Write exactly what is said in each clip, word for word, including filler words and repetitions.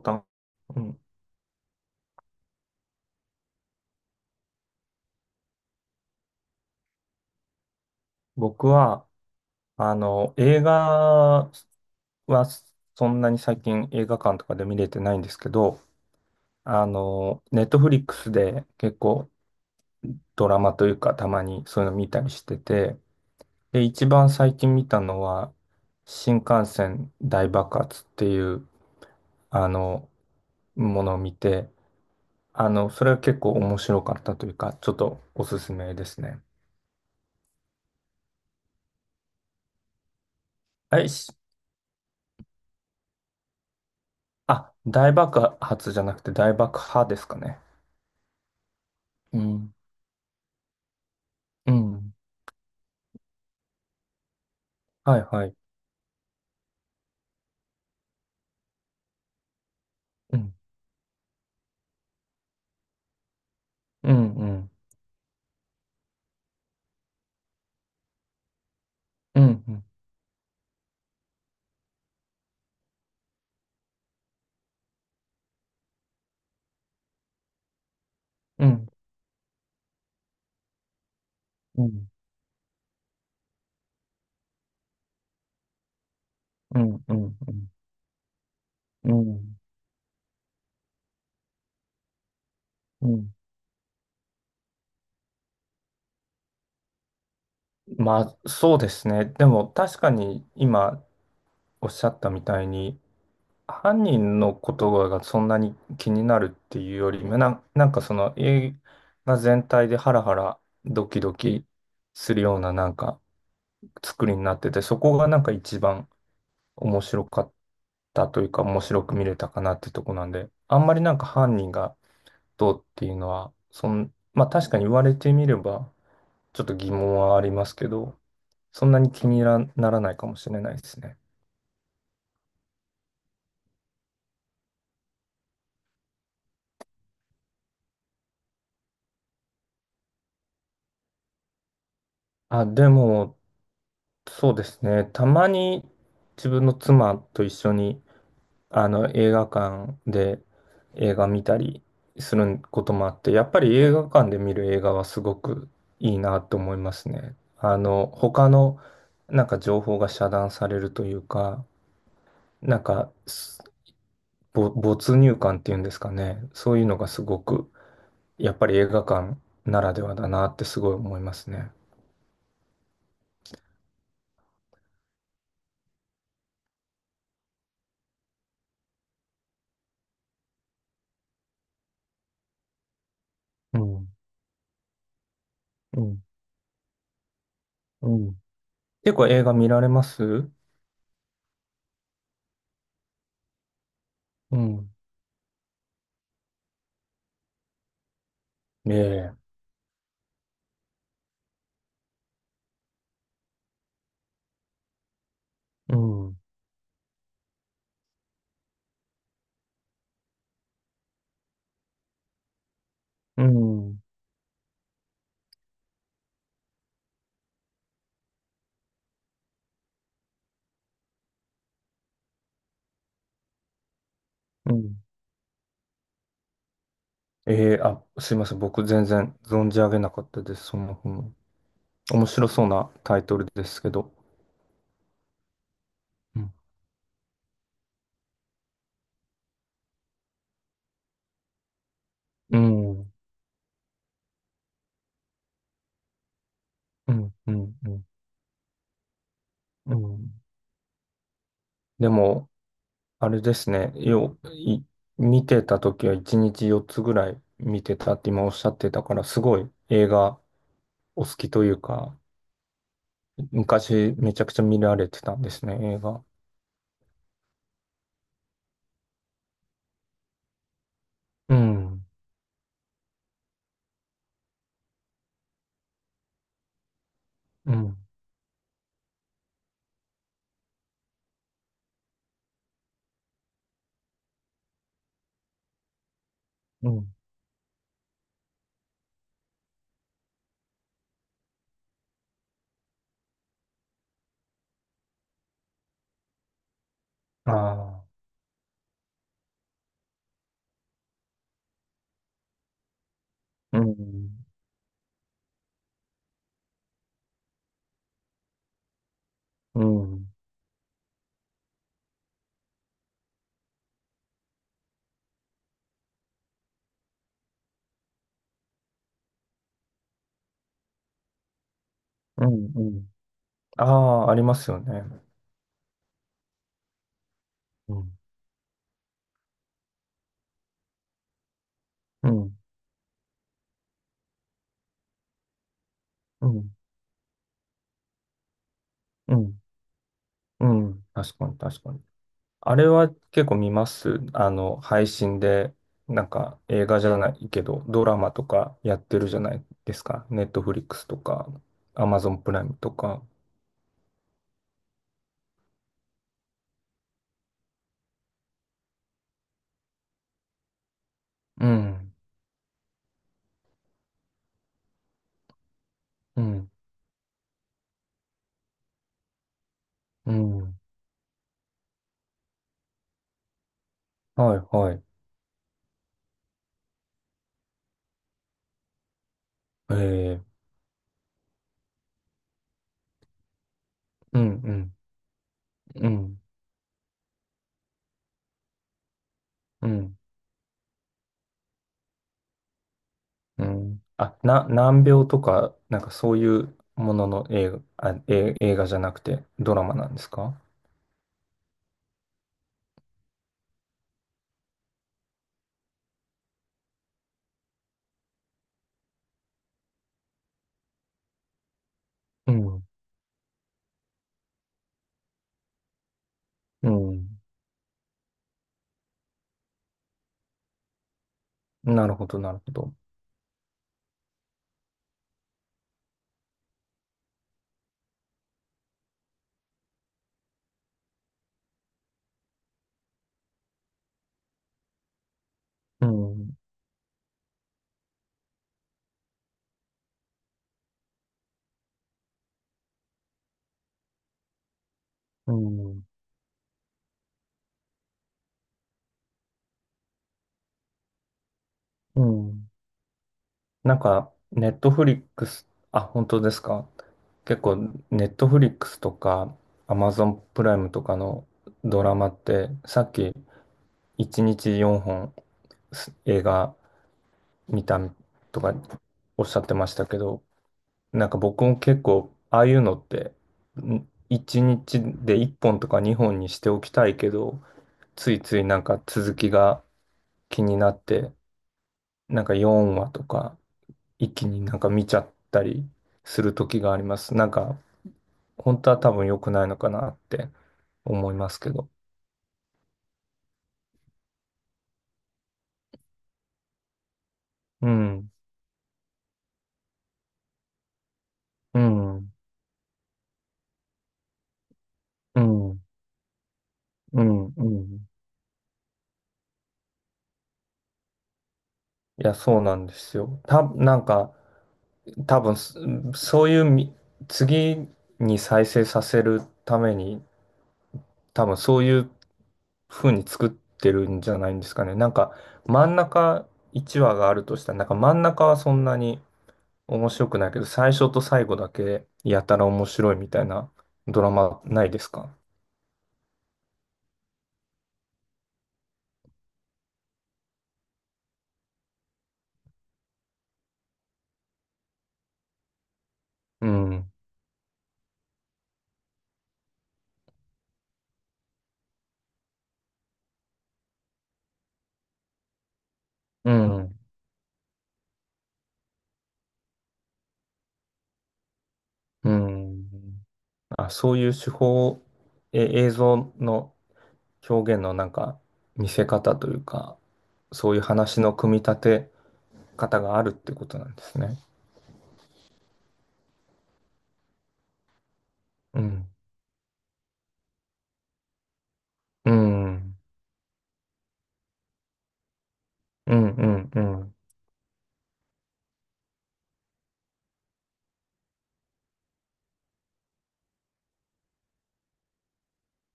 かうん。僕は、あの、映画はそんなに最近映画館とかで見れてないんですけど、あの、ネットフリックスで結構ドラマというかたまにそういうの見たりしてて、で、一番最近見たのは、新幹線大爆発っていう、あの、ものを見て、あの、それは結構面白かったというか、ちょっとおすすめですね。はい、あ、大爆発じゃなくて大爆破ですかね。うん、うん、はいはい。うん、うん、うん、うん、うん、うん、うん、うん、うん、うん。まあ、そうですね。でも確かに今おっしゃったみたいに、犯人の言葉がそんなに気になるっていうよりも、な、なんかその映画全体でハラハラドキドキするようななんか作りになってて、そこがなんか一番面白かったというか面白く見れたかなってとこなんで、あんまりなんか犯人がどうっていうのは、そん、まあ確かに言われてみれば、ちょっと疑問はありますけど、そんなに気になならないかもしれないですね。あ、でも、そうですね。たまに自分の妻と一緒にあの、映画館で映画見たりすることもあって、やっぱり映画館で見る映画はすごくいいなと思いますね。あの、他のなんか情報が遮断されるというか、なんか、すぼ没入感っていうんですかね。そういうのがすごく、やっぱり映画館ならではだなってすごい思いますね。うん、うん、うん。結構映画見られます？うん。ええ。うん、うん、うん。えー、あ、すいません。僕全然存じ上げなかったです。その本、う面白そうなタイトルですけど。うん。うん。うん。うん。うん。うん。でも、あれですね。よ、い、見てた時はいちにちよっつぐらい見てたって今おっしゃってたから、すごい映画お好きというか、昔めちゃくちゃ見られてたんですね、映画。うん。うん。うん。ああ。うん。うん。うん。うん。ああ、ありますよね。うん、うん、うん、うん。確かに、確かに。あれは結構見ます。あの、配信で、なんか映画じゃないけど、ドラマとかやってるじゃないですか。ネットフリックスとか、アマゾンプライムとか。うん、うん、うん。はい、はい。えー、うん、うん、うん、うん、うん。あ、な、難病とか、なんかそういうものの映画、あ、え映画じゃなくてドラマなんですか？うん、うん。なるほど、なるほど。うん、うん、うん。なんか、ネットフリックス、あ、本当ですか？結構、ネットフリックスとか、アマゾンプライムとかのドラマって、さっき、いちにちよんほんす映画見たとかおっしゃってましたけど、なんか僕も結構、ああいうのって、いちにちでいっぽんとかにほんにしておきたいけど、ついついなんか続きが気になって、なんかよんわとか一気になんか見ちゃったりする時があります。なんか本当は多分良くないのかなって思いますけど。うん、うん、うん、うん、うん。いや、そうなんですよ。た、なんか多分すそういうみ次に再生させるために多分そういう風に作ってるんじゃないんですかね。なんか真ん中いちわがあるとしたら、なんか真ん中はそんなに面白くないけど、最初と最後だけやたら面白いみたいなドラマないですか？うん。うん。うん。あ、そういう手法、え、映像の表現のなんか見せ方というか、そういう話の組み立て方があるってことなんですね。うん。うん。うん。うん。うん。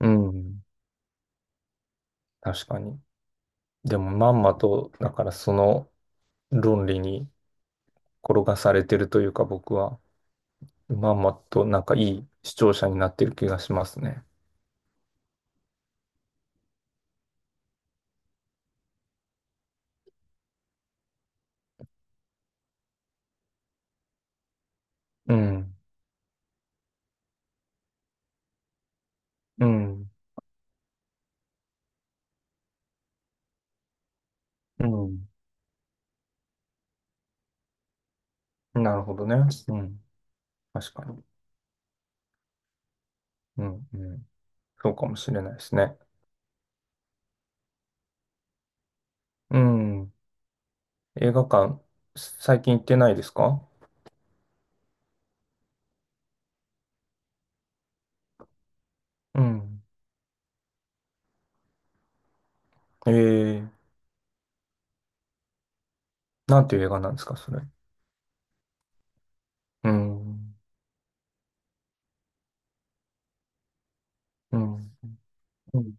うん。確かに。でもまんまと、だからその論理に転がされてるというか僕は。まんまとなんかいい視聴者になってる気がしますね。うん。うん。うん。なるほどね。うん。確かに。うん。うん。そうかもしれないですね。うん。映画館、最近行ってないですか？うん。ええ。なんていう映画なんですか、それ？うん。うん。うん。